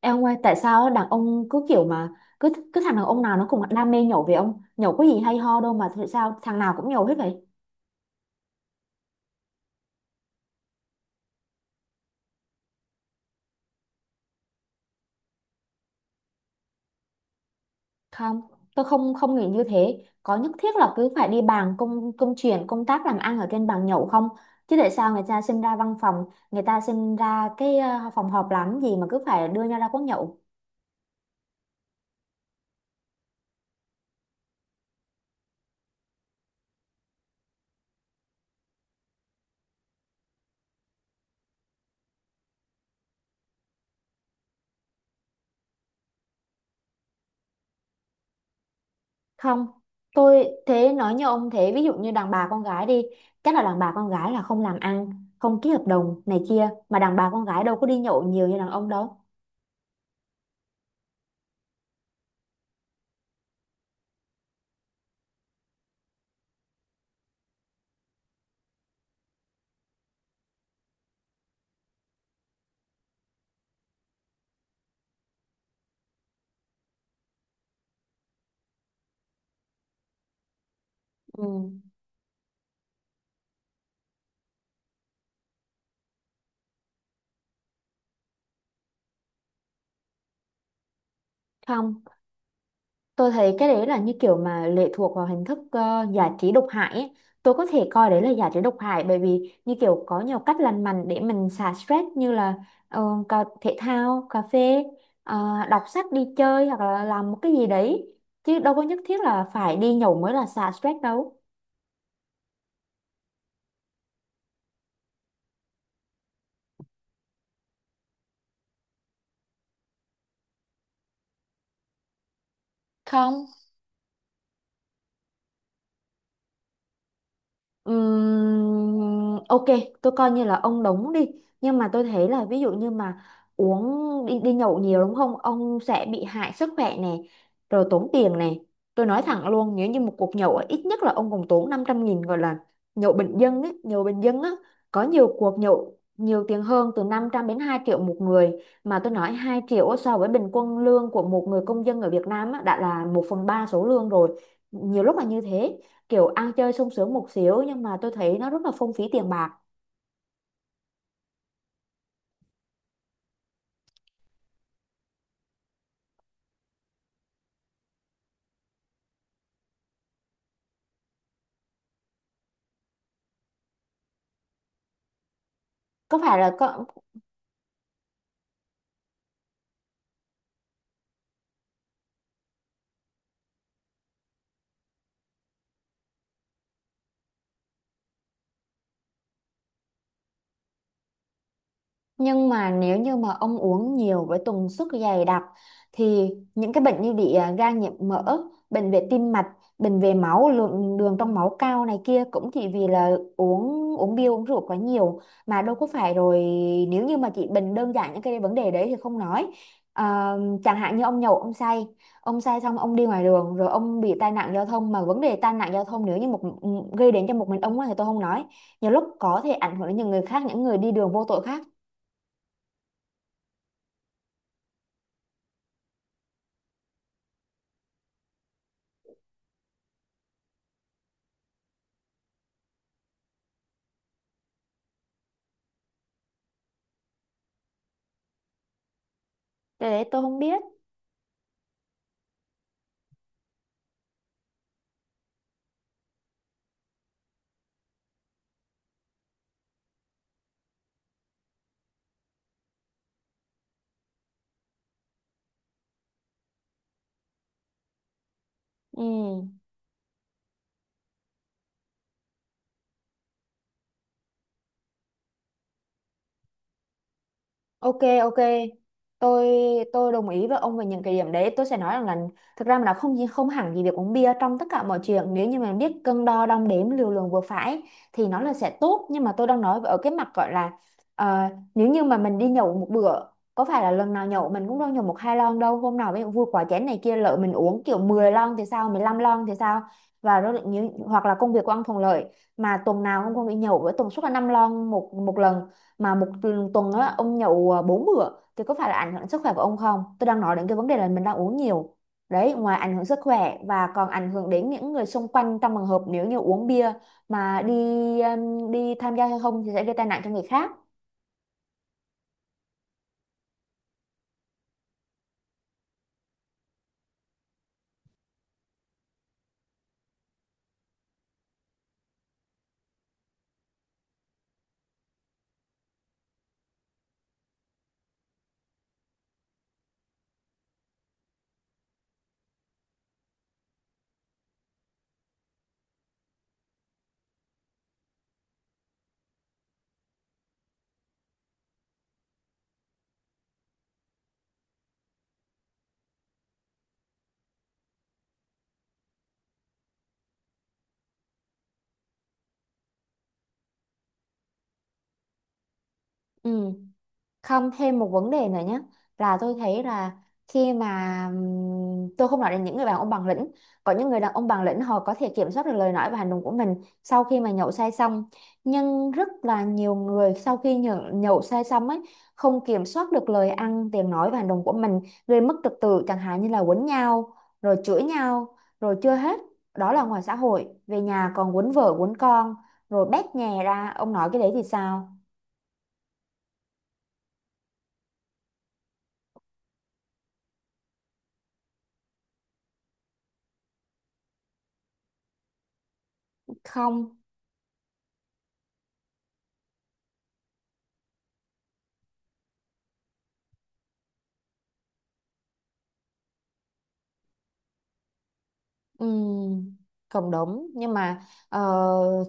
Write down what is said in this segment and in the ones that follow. Em ông ơi, tại sao đàn ông cứ kiểu mà cứ cứ thằng đàn ông nào nó cũng đam mê nhậu vậy ông? Nhậu có gì hay ho đâu mà tại sao thằng nào cũng nhậu hết vậy? Không, tôi không không nghĩ như thế. Có nhất thiết là cứ phải đi bàn công công chuyện, công tác làm ăn ở trên bàn nhậu không? Chứ tại sao người ta sinh ra văn phòng, người ta sinh ra cái phòng họp làm gì mà cứ phải đưa nhau ra quán nhậu? Không. Tôi thế nói như ông thế, ví dụ như đàn bà con gái đi, chắc là đàn bà con gái là không làm ăn, không ký hợp đồng này kia, mà đàn bà con gái đâu có đi nhậu nhiều như đàn ông đâu. Ừ. Không, tôi thấy cái đấy là như kiểu mà lệ thuộc vào hình thức giải trí độc hại ấy. Tôi có thể coi đấy là giải trí độc hại bởi vì như kiểu có nhiều cách lành mạnh để mình xả stress như là ờ, cà, thể thao, cà phê, ờ, đọc sách đi chơi hoặc là làm một cái gì đấy. Chứ đâu có nhất thiết là phải đi nhậu mới là xả stress đâu. Không. Ok, tôi coi như là ông đóng đi. Nhưng mà tôi thấy là ví dụ như mà uống đi, đi nhậu nhiều đúng không? Ông sẽ bị hại sức khỏe này, rồi tốn tiền này. Tôi nói thẳng luôn, nếu như một cuộc nhậu á, ít nhất là ông cũng tốn 500.000 gọi là nhậu bình dân ấy, nhậu bình dân á. Có nhiều cuộc nhậu nhiều tiền hơn từ 500 đến 2 triệu một người. Mà tôi nói 2 triệu á, so với bình quân lương của một người công dân ở Việt Nam á, đã là 1/3 số lương rồi. Nhiều lúc là như thế, kiểu ăn chơi sung sướng một xíu, nhưng mà tôi thấy nó rất là phung phí tiền bạc. Có phải là có. Nhưng mà nếu như mà ông uống nhiều với tần suất dày đặc thì những cái bệnh như bị gan nhiễm mỡ, bệnh về tim mạch, bệnh về máu, lượng đường trong máu cao này kia cũng chỉ vì là uống uống bia uống rượu quá nhiều, mà đâu có phải. Rồi nếu như mà chỉ bệnh đơn giản những cái vấn đề đấy thì không nói. À, chẳng hạn như ông nhậu ông say xong ông đi ngoài đường rồi ông bị tai nạn giao thông, mà vấn đề tai nạn giao thông nếu như một gây đến cho một mình ông á thì tôi không nói. Nhiều lúc có thể ảnh hưởng đến những người khác, những người đi đường vô tội khác. Cái đấy tôi không biết. Ừ. Ok, ok. Tôi tôi đồng ý với ông về những cái điểm đấy. Tôi sẽ nói rằng là thực ra mà nó không hẳn gì việc uống bia trong tất cả mọi chuyện. Nếu như mình biết cân đo đong đếm liều lượng vừa phải thì nó là sẽ tốt. Nhưng mà tôi đang nói ở cái mặt gọi là ờ, nếu như mà mình đi nhậu một bữa, có phải là lần nào nhậu mình cũng đâu nhậu một hai lon đâu. Hôm nào ví dụ vui quá chén này kia lỡ mình uống kiểu 10 lon thì sao, 15 lon thì sao? Và rồi nếu hoặc là công việc của ông thuận lợi mà tuần nào ông cũng không đi nhậu với tần suất là 5 lon một một lần, mà một tuần á ông nhậu 4 bữa, thì có phải là ảnh hưởng đến sức khỏe của ông không? Tôi đang nói đến cái vấn đề là mình đang uống nhiều đấy. Ngoài ảnh hưởng sức khỏe và còn ảnh hưởng đến những người xung quanh trong trường hợp nếu như uống bia mà đi, đi tham gia giao thông thì sẽ gây tai nạn cho người khác. Ừ. Không, thêm một vấn đề nữa nhé, là tôi thấy là khi mà tôi không nói đến những người đàn ông bằng lĩnh, có những người đàn ông bằng lĩnh họ có thể kiểm soát được lời nói và hành động của mình sau khi mà nhậu say xong. Nhưng rất là nhiều người sau khi nhậu say xong ấy, không kiểm soát được lời ăn tiếng nói và hành động của mình, gây mất trật tự chẳng hạn như là quấn nhau rồi chửi nhau. Rồi chưa hết, đó là ngoài xã hội, về nhà còn quấn vợ quấn con, rồi bét nhè ra, ông nói cái đấy thì sao? Không. Ừ, cũng đúng, nhưng mà ờ,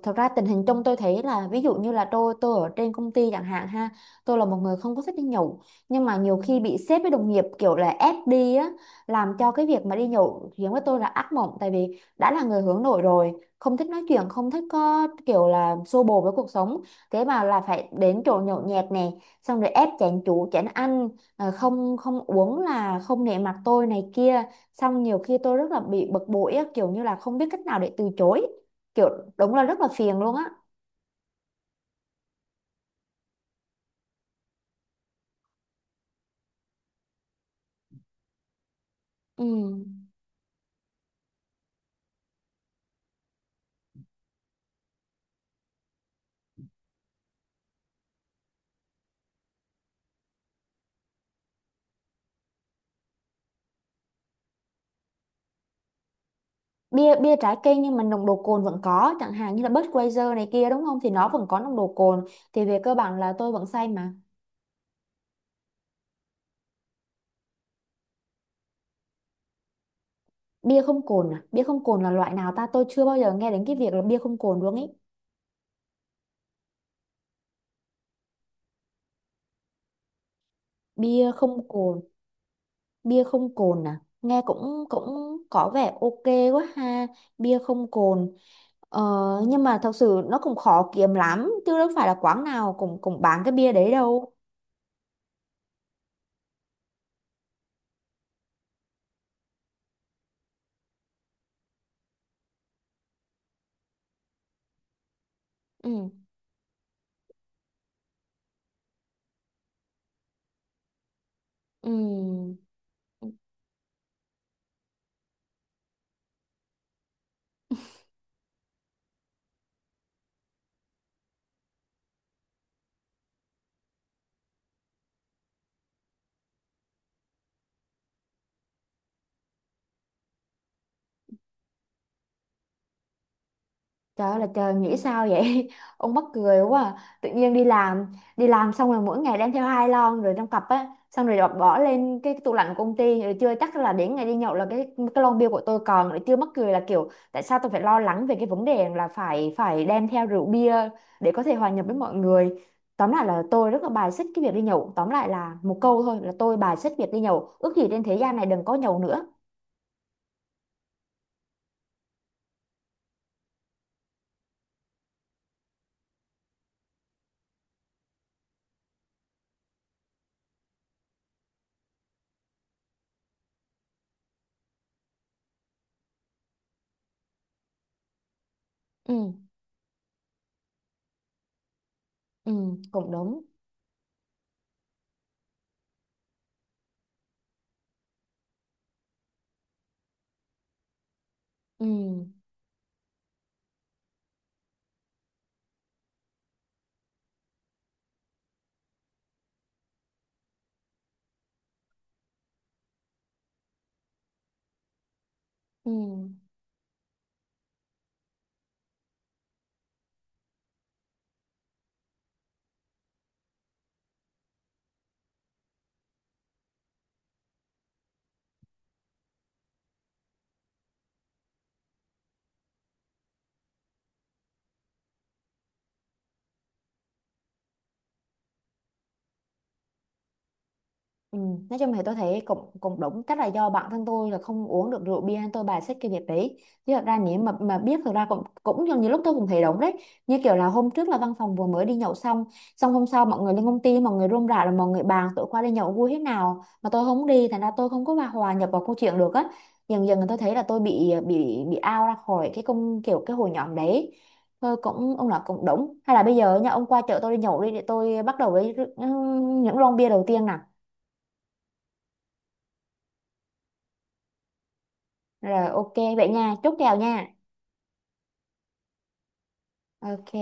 thật ra tình hình chung tôi thấy là ví dụ như là tôi ở trên công ty chẳng hạn ha, tôi là một người không có thích đi nhậu, nhưng mà nhiều khi bị sếp với đồng nghiệp kiểu là ép đi á, làm cho cái việc mà đi nhậu khiến với tôi là ác mộng, tại vì đã là người hướng nội rồi, không thích nói chuyện, không thích có kiểu là xô bồ với cuộc sống, thế mà là phải đến chỗ nhậu nhẹt nè, xong rồi ép chén chú chén ăn, không không uống là không nể mặt tôi này kia. Xong nhiều khi tôi rất là bị bực bội á, kiểu như là không biết cách nào để từ chối, kiểu, đúng là rất là phiền luôn á. Ừ. bia bia trái cây nhưng mà nồng độ cồn vẫn có, chẳng hạn như là Budweiser này kia, đúng không, thì nó vẫn có nồng độ cồn. Thì về cơ bản là tôi vẫn say mà. Bia không cồn à? Bia không cồn là loại nào ta? Tôi chưa bao giờ nghe đến cái việc là bia không cồn luôn ý. Bia không cồn. Bia không cồn à, nghe cũng cũng có vẻ ok quá ha. Bia không cồn. Ờ, nhưng mà thật sự nó cũng khó kiếm lắm, chứ đâu phải là quán nào cũng cũng bán cái bia đấy đâu. Ừ. Ừ. Trời ơi là trời, nghĩ sao vậy ông mắc cười quá à. Tự nhiên đi làm, đi làm xong rồi mỗi ngày đem theo 2 lon, rồi trong cặp á, xong rồi bỏ bỏ lên cái tủ lạnh của công ty. Rồi chưa chắc là đến ngày đi nhậu là cái lon bia của tôi còn. Rồi chưa mắc cười là kiểu tại sao tôi phải lo lắng về cái vấn đề là phải phải đem theo rượu bia để có thể hòa nhập với mọi người. Tóm lại là tôi rất là bài xích cái việc đi nhậu. Tóm lại là một câu thôi, là tôi bài xích việc đi nhậu. Ước gì trên thế gian này đừng có nhậu nữa. Ừ, ừ, cũng đúng. Ừ, ừ. Ừ, nói chung thì tôi thấy cũng cũng đúng, chắc là do bản thân tôi là không uống được rượu bia nên tôi bài xích cái việc đấy. Chứ thật ra nếu mà biết, thật ra cũng cũng như, như lúc tôi cũng thấy đúng đấy, như kiểu là hôm trước là văn phòng vừa mới đi nhậu xong, xong hôm sau mọi người lên công ty, mọi người rôm rả rồi mọi người bàn tụi qua đi nhậu vui thế nào, mà tôi không đi thành ra tôi không có hòa hòa nhập vào câu chuyện được á. Dần dần tôi thấy là tôi bị out ra khỏi cái công kiểu cái hội nhóm đấy. Thôi cũng ông là cũng đúng, hay là bây giờ nha, ông qua chợ tôi đi nhậu đi, để tôi bắt đầu với những lon bia đầu tiên nè. Rồi ok vậy nha, chúc kèo nha. Ok.